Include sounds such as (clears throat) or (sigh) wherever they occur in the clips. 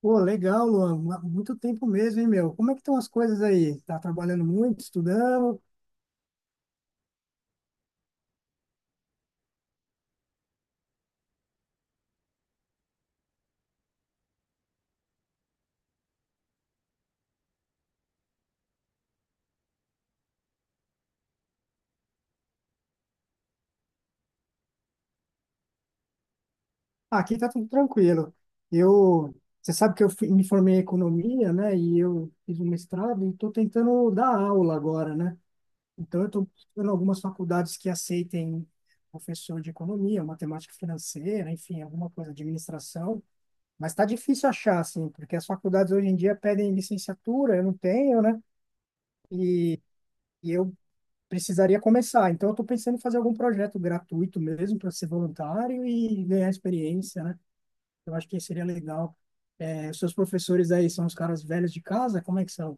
Pô, legal, Luan. Muito tempo mesmo, hein, meu? Como é que estão as coisas aí? Tá trabalhando muito, estudando? Ah, aqui tá tudo tranquilo. Eu, você sabe que eu me formei em economia, né? E eu fiz um mestrado e estou tentando dar aula agora, né? Então eu estou buscando algumas faculdades que aceitem professor de economia, matemática financeira, enfim, alguma coisa, administração. Mas está difícil achar, assim, porque as faculdades hoje em dia pedem licenciatura, eu não tenho, né? E eu precisaria começar. Então, eu estou pensando em fazer algum projeto gratuito mesmo para ser voluntário e ganhar experiência, né? Eu acho que seria legal. É, os seus professores aí são os caras velhos de casa? Como é que são?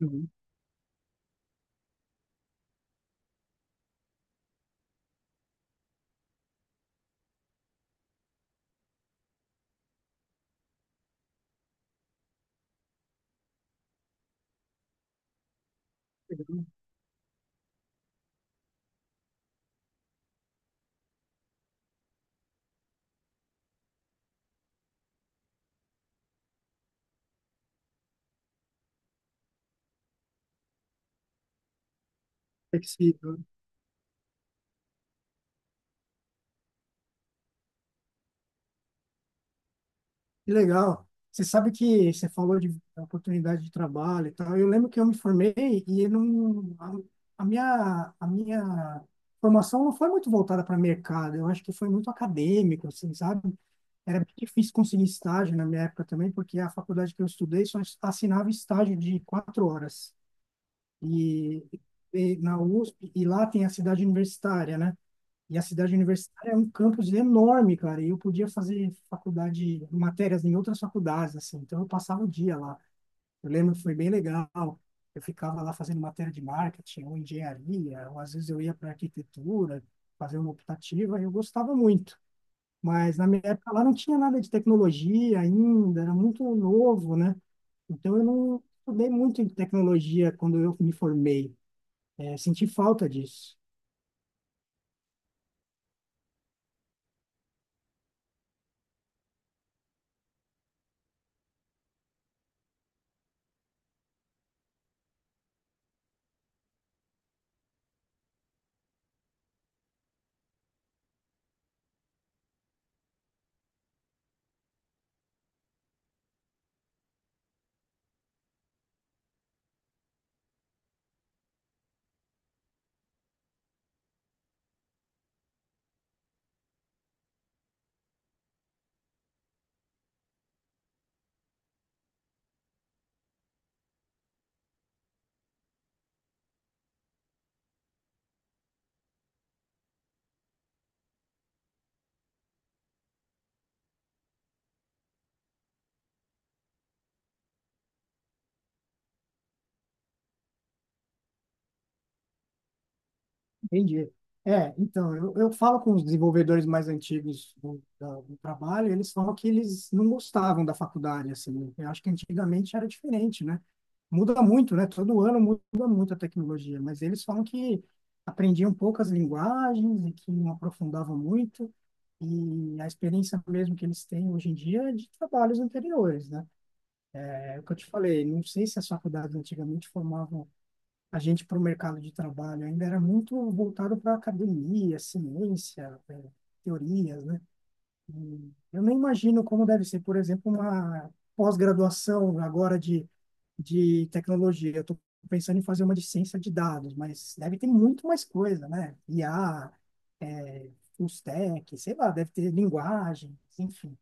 Uhum. Legal. Flexível. Que legal. Você sabe que você falou de oportunidade de trabalho e tal. Eu lembro que eu me formei e eu não, a minha formação não foi muito voltada para mercado. Eu acho que foi muito acadêmico, assim, sabe? Era bem difícil conseguir estágio na minha época também, porque a faculdade que eu estudei só assinava estágio de 4 horas. E, e na USP, e lá tem a cidade universitária, né? E a cidade universitária é um campus enorme, cara. E eu podia fazer faculdade, matérias em outras faculdades, assim. Então eu passava o dia lá. Eu lembro que foi bem legal. Eu ficava lá fazendo matéria de marketing ou engenharia, ou às vezes eu ia para arquitetura, fazer uma optativa, e eu gostava muito. Mas na minha época lá não tinha nada de tecnologia ainda, era muito novo, né? Então eu não estudei muito em tecnologia quando eu me formei. É, senti falta disso. Entendi. É, então, eu falo com os desenvolvedores mais antigos do trabalho, eles falam que eles não gostavam da faculdade, assim. Eu acho que antigamente era diferente, né? Muda muito, né? Todo ano muda muito a tecnologia, mas eles falam que aprendiam poucas linguagens e que não aprofundavam muito. E a experiência mesmo que eles têm hoje em dia é de trabalhos anteriores, né? É o que eu te falei, não sei se as faculdades antigamente formavam a gente para o mercado de trabalho, ainda era muito voltado para academia, ciência, eh, teorias, né? Eu nem imagino como deve ser, por exemplo, uma pós-graduação agora de tecnologia. Eu estou pensando em fazer uma de ciência de dados, mas deve ter muito mais coisa, né? IA, full stack, sei lá, deve ter linguagens, enfim.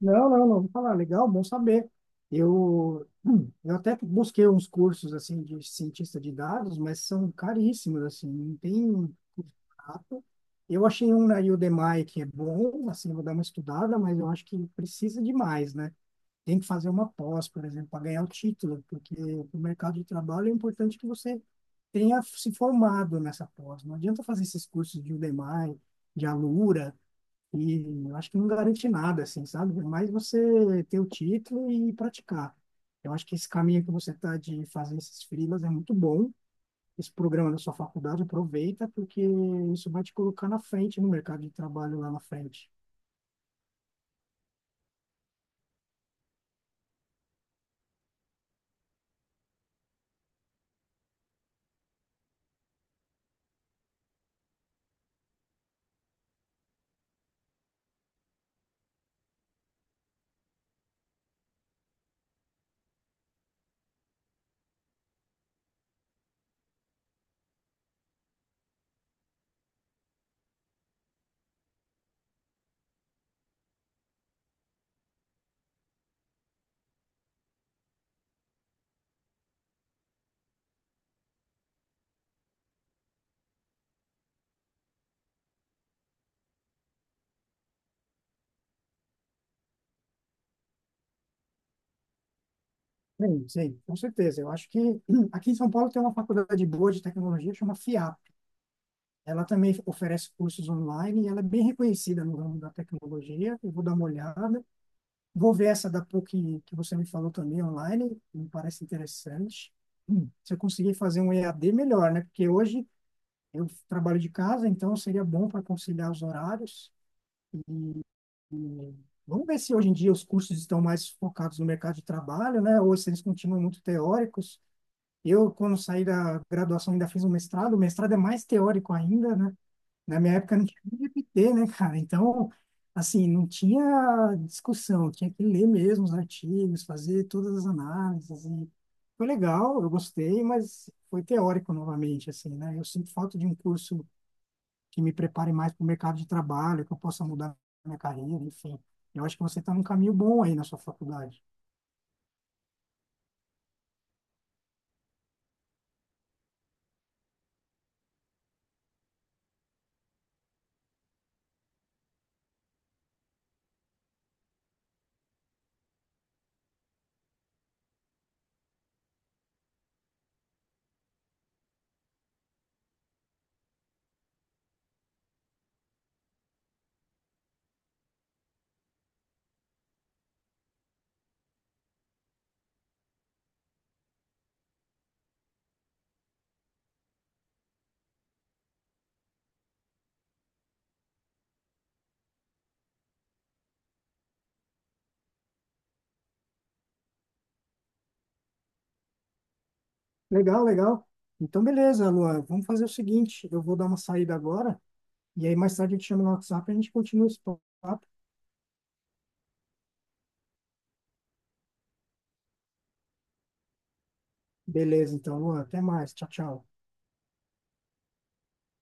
Não, não, não vou falar. Legal, bom saber. Eu até busquei uns cursos assim de cientista de dados, mas são caríssimos assim. Não tem curso barato. Eu achei um na Udemy que é bom, assim, vou dar uma estudada, mas eu acho que precisa de mais, né? Tem que fazer uma pós, por exemplo, para ganhar o título, porque no mercado de trabalho é importante que você tenha se formado nessa pós. Não adianta fazer esses cursos de Udemy, de Alura. E eu acho que não garante nada, assim, sabe? É mais você ter o título e praticar. Eu acho que esse caminho que você está de fazer esses freelas é muito bom. Esse programa da sua faculdade, aproveita, porque isso vai te colocar na frente no mercado de trabalho lá na frente. Sim, sim, com certeza. Eu acho que (clears throat) aqui em São Paulo tem uma faculdade boa de tecnologia, chama FIAP. Ela também oferece cursos online e ela é bem reconhecida no ramo da tecnologia. Eu vou dar uma olhada. Vou ver essa da PUC que você me falou também online, me parece interessante. Se eu conseguir fazer um EAD, melhor, né? Porque hoje eu trabalho de casa, então seria bom para conciliar os horários. E vamos ver se hoje em dia os cursos estão mais focados no mercado de trabalho, né? Ou se eles continuam muito teóricos. Eu, quando saí da graduação, ainda fiz um mestrado. O mestrado é mais teórico ainda, né? Na minha época não tinha nem GPT, né, cara? Então, assim, não tinha discussão, tinha que ler mesmo os artigos, fazer todas as análises. E foi legal, eu gostei, mas foi teórico novamente, assim, né? Eu sinto falta de um curso que me prepare mais para o mercado de trabalho, que eu possa mudar minha carreira, enfim. Eu acho que você está num caminho bom aí na sua faculdade. Legal, legal. Então, beleza, Lua, vamos fazer o seguinte: eu vou dar uma saída agora, e aí mais tarde eu te chamo no WhatsApp e a gente continua esse papo. Beleza, então, Luan. Até mais. Tchau, tchau.